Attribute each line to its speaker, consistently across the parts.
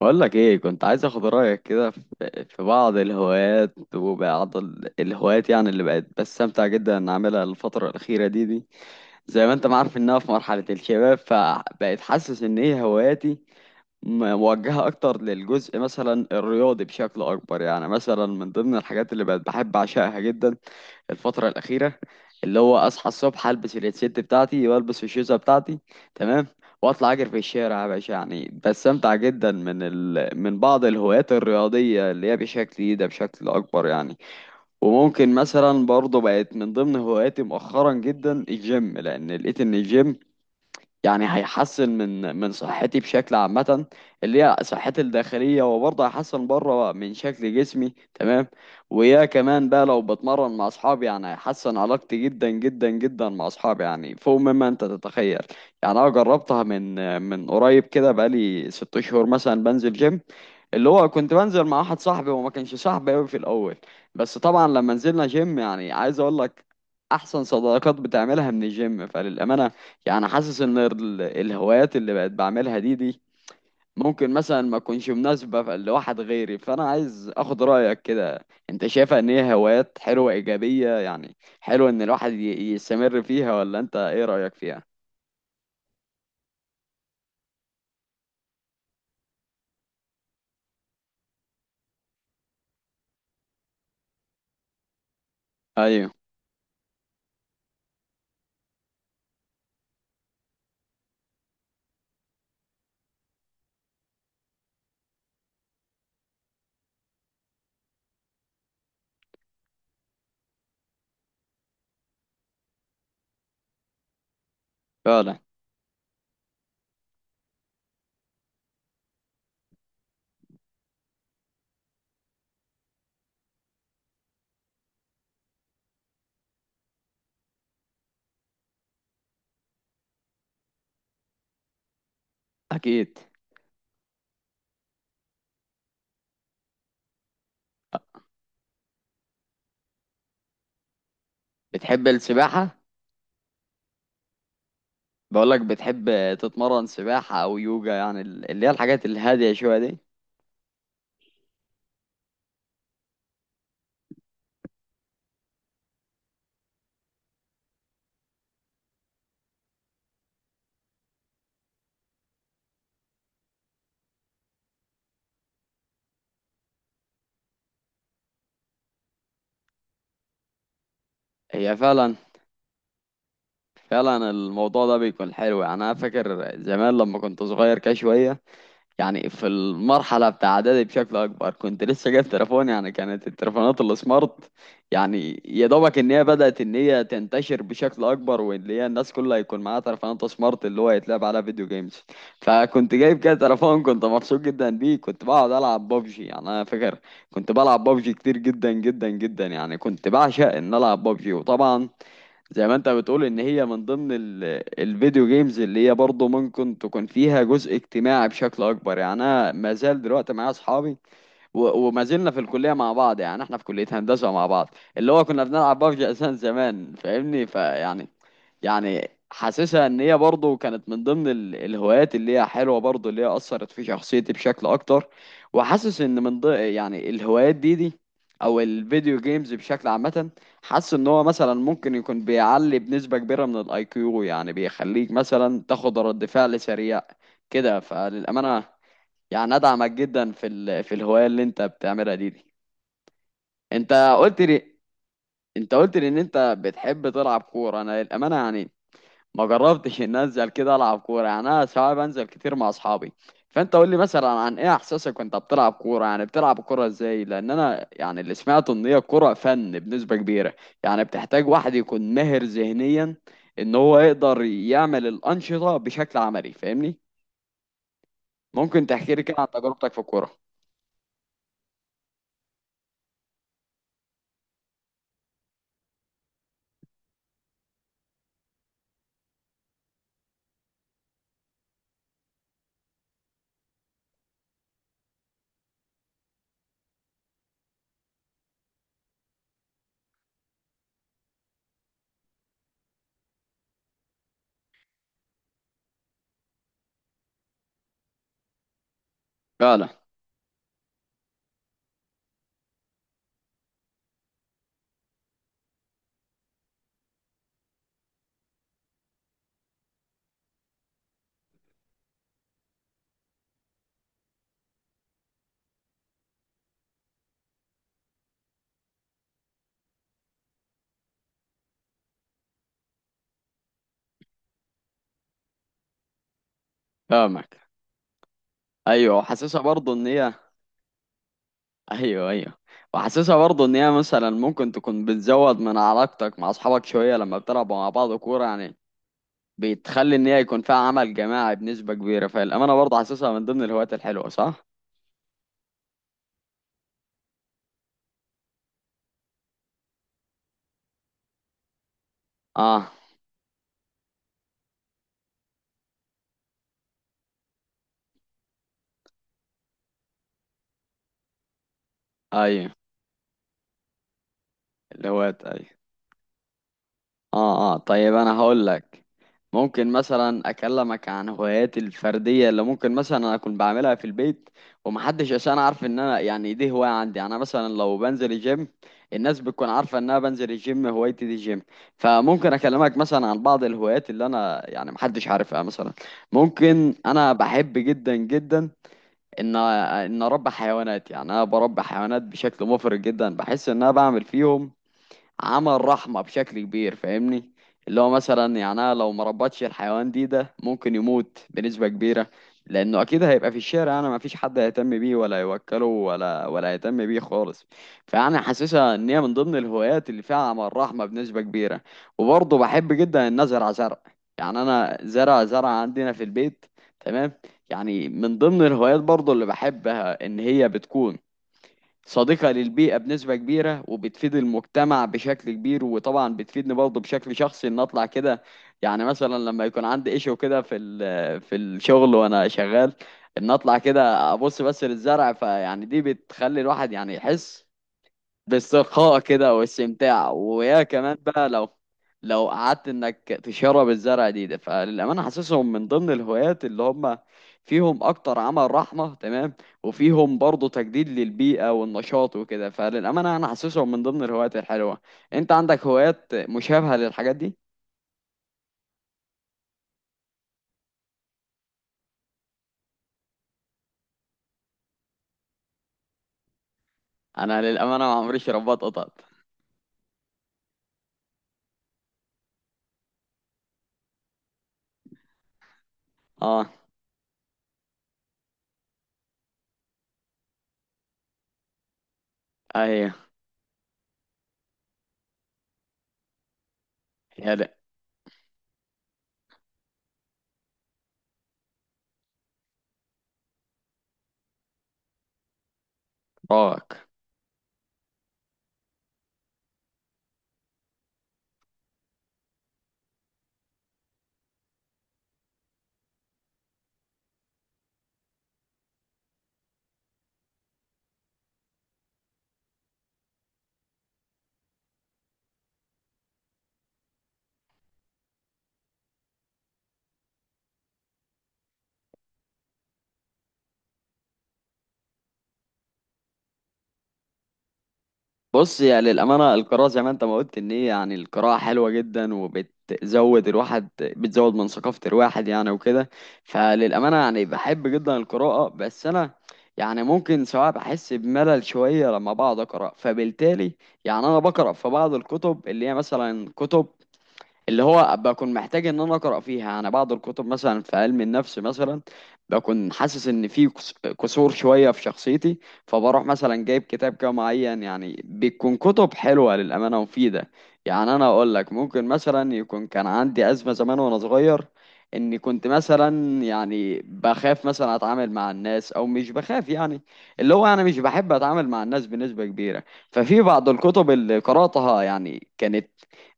Speaker 1: بقول لك ايه، كنت عايز اخد رايك كده في بعض الهوايات، وبعض الهوايات يعني اللي بقت بستمتع جدا ان اعملها الفتره الاخيره دي. زي ما انت ما عارف انها في مرحله الشباب، فبقيت حاسس ان هي هواياتي موجهه اكتر للجزء مثلا الرياضي بشكل اكبر. يعني مثلا من ضمن الحاجات اللي بقت بحب اعشقها جدا الفترة الأخيرة، اللي هو أصحى الصبح ألبس الهيدسيت بتاعتي وألبس الشوزة بتاعتي، تمام، وأطلع أجري في الشارع يا باشا. يعني بستمتع جدا من بعض الهوايات الرياضية اللي هي بشكل إيه ده، بشكل أكبر يعني. وممكن مثلا برضه بقت من ضمن هواياتي مؤخرا جدا الجيم، لأن لقيت إن الجيم يعني هيحسن من صحتي بشكل عامة، اللي هي صحتي الداخلية، وبرضه هيحسن بره من شكل جسمي، تمام. ويا كمان بقى لو بتمرن مع أصحابي يعني هيحسن علاقتي جدا جدا جدا مع أصحابي، يعني فوق مما أنت تتخيل. يعني أنا جربتها من قريب كده، بقالي 6 شهور مثلا بنزل جيم، اللي هو كنت بنزل مع واحد صاحبي، وما كانش صاحبي قوي في الأول، بس طبعا لما نزلنا جيم، يعني عايز أقول لك أحسن صداقات بتعملها من الجيم، فللأمانة يعني حاسس ان الهوايات اللي بقت بعملها دي ممكن مثلا ما تكونش مناسبة لواحد غيري. فانا عايز اخد رأيك كده، انت شايفها ان هي هوايات حلوة ايجابية؟ يعني حلو ان الواحد يستمر فيها، ولا انت ايه رأيك فيها؟ ايوه. فعلا. اكيد. بتحب السباحة؟ بقولك بتحب تتمرن سباحة او يوجا، يعني اللي هي الحاجات الهادية شوية دي؟ هي فعلا. فعلا الموضوع ده بيكون حلو. يعني انا فاكر زمان لما كنت صغير كده شوية، يعني في المرحلة بتاع إعدادي بشكل أكبر، كنت لسه جايب تليفون. يعني كانت التليفونات السمارت يعني يا دوبك إن هي بدأت إن هي تنتشر بشكل أكبر، واللي هي الناس كلها يكون معاها تليفونات سمارت اللي هو يتلعب على فيديو جيمز. فكنت جايب كده تليفون، كنت مبسوط جدا بيه، كنت بقعد ألعب ببجي. يعني أنا فاكر كنت بلعب ببجي كتير جدا جدا جدا، يعني كنت بعشق إن ألعب ببجي. وطبعا زي ما انت بتقول ان هي من ضمن الفيديو جيمز اللي هي برضه ممكن تكون فيها جزء اجتماعي بشكل اكبر. يعني انا ما زال دلوقتي معايا اصحابي، وما زلنا في الكلية مع بعض، يعني احنا في كلية هندسة مع بعض، اللي هو كنا بنلعب ببجي اساسا زمان، فاهمني؟ يعني يعني حاسسها ان هي برضه كانت من ضمن الهوايات اللي هي حلوة برضه، اللي هي اثرت في شخصيتي بشكل اكتر. وحاسس ان من ضمن يعني الهوايات دي او الفيديو جيمز بشكل عامة، حاسس ان هو مثلا ممكن يكون بيعلي بنسبة كبيرة من الاي كيو، يعني بيخليك مثلا تاخد رد فعل سريع كده، فللأمانة يعني ادعمك جدا في الهوايه اللي انت بتعملها دي. انت قلت لي انت قلت لي ان انت بتحب تلعب كوره. انا الامانه يعني ما جربتش ان انزل كده العب كوره، يعني انا ساعات بنزل كتير مع اصحابي. فانت قول لي مثلا عن ايه احساسك وانت بتلعب كوره، يعني بتلعب كوره ازاي؟ لان انا يعني اللي سمعته ان هي الكوره فن بنسبه كبيره، يعني بتحتاج واحد يكون ماهر ذهنيا ان هو يقدر يعمل الانشطه بشكل عملي، فاهمني؟ ممكن تحكي لي كده عن تجربتك في الكوره؟ فعلا. فاهمك. ايوه، وحاسسها برضه ان هي ايوه، ايوه. وحاسسها برضه ان هي مثلا ممكن تكون بتزود من علاقتك مع اصحابك شويه لما بتلعبوا مع بعض كوره. يعني بتخلي ان هي يكون فيها عمل جماعي بنسبه كبيره، فالامانه برضه حاسسها من ضمن الهوايات الحلوه. صح. اه. ايوه الهوايات، ايوه. اه، اه، طيب انا هقول لك. ممكن مثلا اكلمك عن هواياتي الفرديه اللي ممكن مثلا انا اكون بعملها في البيت، ومحدش عشان عارف ان انا يعني دي هوايه عندي. يعني انا مثلا لو بنزل الجيم الناس بتكون عارفه ان انا بنزل الجيم، هوايتي دي الجيم. فممكن اكلمك مثلا عن بعض الهوايات اللي انا يعني محدش عارفها مثلا. ممكن انا بحب جدا جدا ان اربي حيوانات، يعني انا بربي حيوانات بشكل مفرط جدا، بحس ان انا بعمل فيهم عمل رحمة بشكل كبير، فاهمني؟ اللي هو مثلا يعني أنا لو ما ربطش الحيوان ده ممكن يموت بنسبة كبيرة، لأنه أكيد هيبقى في الشارع، أنا ما فيش حد هيهتم بيه، ولا يوكله ولا يهتم بيه خالص. فأنا حاسسها إن هي من ضمن الهوايات اللي فيها عمل رحمة بنسبة كبيرة. وبرضه بحب جدا إن أزرع زرع، يعني أنا زرع عندنا في البيت، تمام. يعني من ضمن الهوايات برضه اللي بحبها إن هي بتكون صديقة للبيئة بنسبة كبيرة، وبتفيد المجتمع بشكل كبير، وطبعا بتفيدني برضه بشكل شخصي، ان اطلع كده. يعني مثلا لما يكون عندي ايشو كده في الشغل وانا شغال، ان اطلع كده ابص بس للزرع، فيعني دي بتخلي الواحد يعني يحس بالسخاء كده، واستمتاع. ويا كمان بقى لو قعدت انك تشرب الزرع ده فللامانه حاسسهم من ضمن الهوايات اللي هم فيهم اكتر عمل رحمه، تمام. وفيهم برضه تجديد للبيئه والنشاط وكده، فللامانه انا حاسسهم من ضمن الهوايات الحلوه. انت عندك هوايات مشابهه للحاجات دي؟ انا للامانه ما عمريش ربطت قطط. اه. ايوه. يا ده راك. بص، يعني للأمانة القراءة زي ما أنت ما قلت إن هي، يعني القراءة حلوة جدا، وبتزود الواحد، بتزود من ثقافة الواحد يعني، وكده. فللأمانة يعني بحب جدا القراءة، بس أنا يعني ممكن سواء بحس بملل شوية لما بقعد أقرأ، فبالتالي يعني أنا بقرأ في بعض الكتب اللي هي مثلا كتب اللي هو بكون محتاج ان انا اقرا فيها انا، بعض الكتب مثلا في علم النفس مثلا، بكون حاسس ان في كسور شويه في شخصيتي، فبروح مثلا جايب كتاب كده معين. يعني بتكون كتب حلوه للامانه ومفيده. يعني انا اقول لك، ممكن مثلا يكون كان عندي ازمه زمان وانا صغير، اني كنت مثلا يعني بخاف مثلا اتعامل مع الناس، او مش بخاف يعني، اللي هو انا مش بحب اتعامل مع الناس بنسبه كبيره. ففي بعض الكتب اللي قراتها يعني كانت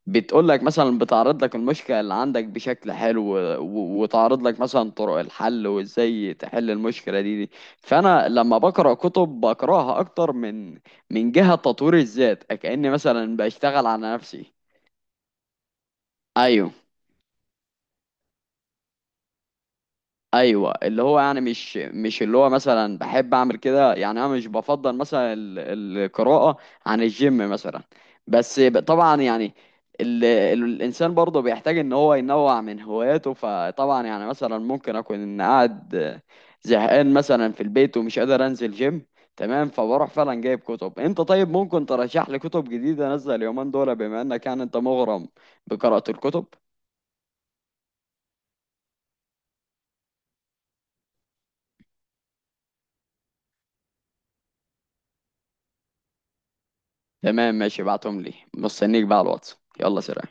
Speaker 1: بتقول لك مثلا، بتعرض لك المشكلة اللي عندك بشكل حلو، وتعرض لك مثلا طرق الحل وازاي تحل المشكلة دي. فأنا لما بقرأ كتب بقرأها أكتر من جهة تطوير الذات، كأني مثلا بشتغل على نفسي. أيوه. ايوه، اللي هو يعني مش اللي هو مثلا بحب اعمل كده. يعني انا مش بفضل مثلا القراءه عن الجيم مثلا، بس طبعا يعني ال ال الانسان برضه بيحتاج ان هو ينوع من هواياته. فطبعا يعني مثلا ممكن اكون قاعد زهقان مثلا في البيت، ومش قادر انزل جيم، تمام، فبروح فعلا جايب كتب. انت طيب ممكن ترشح لي كتب جديده انزل اليومين دول، بما انك يعني انت مغرم بقراءه الكتب؟ تمام، ماشي، بعتهم لي، مستنيك بقى على الواتس، يلا سلام.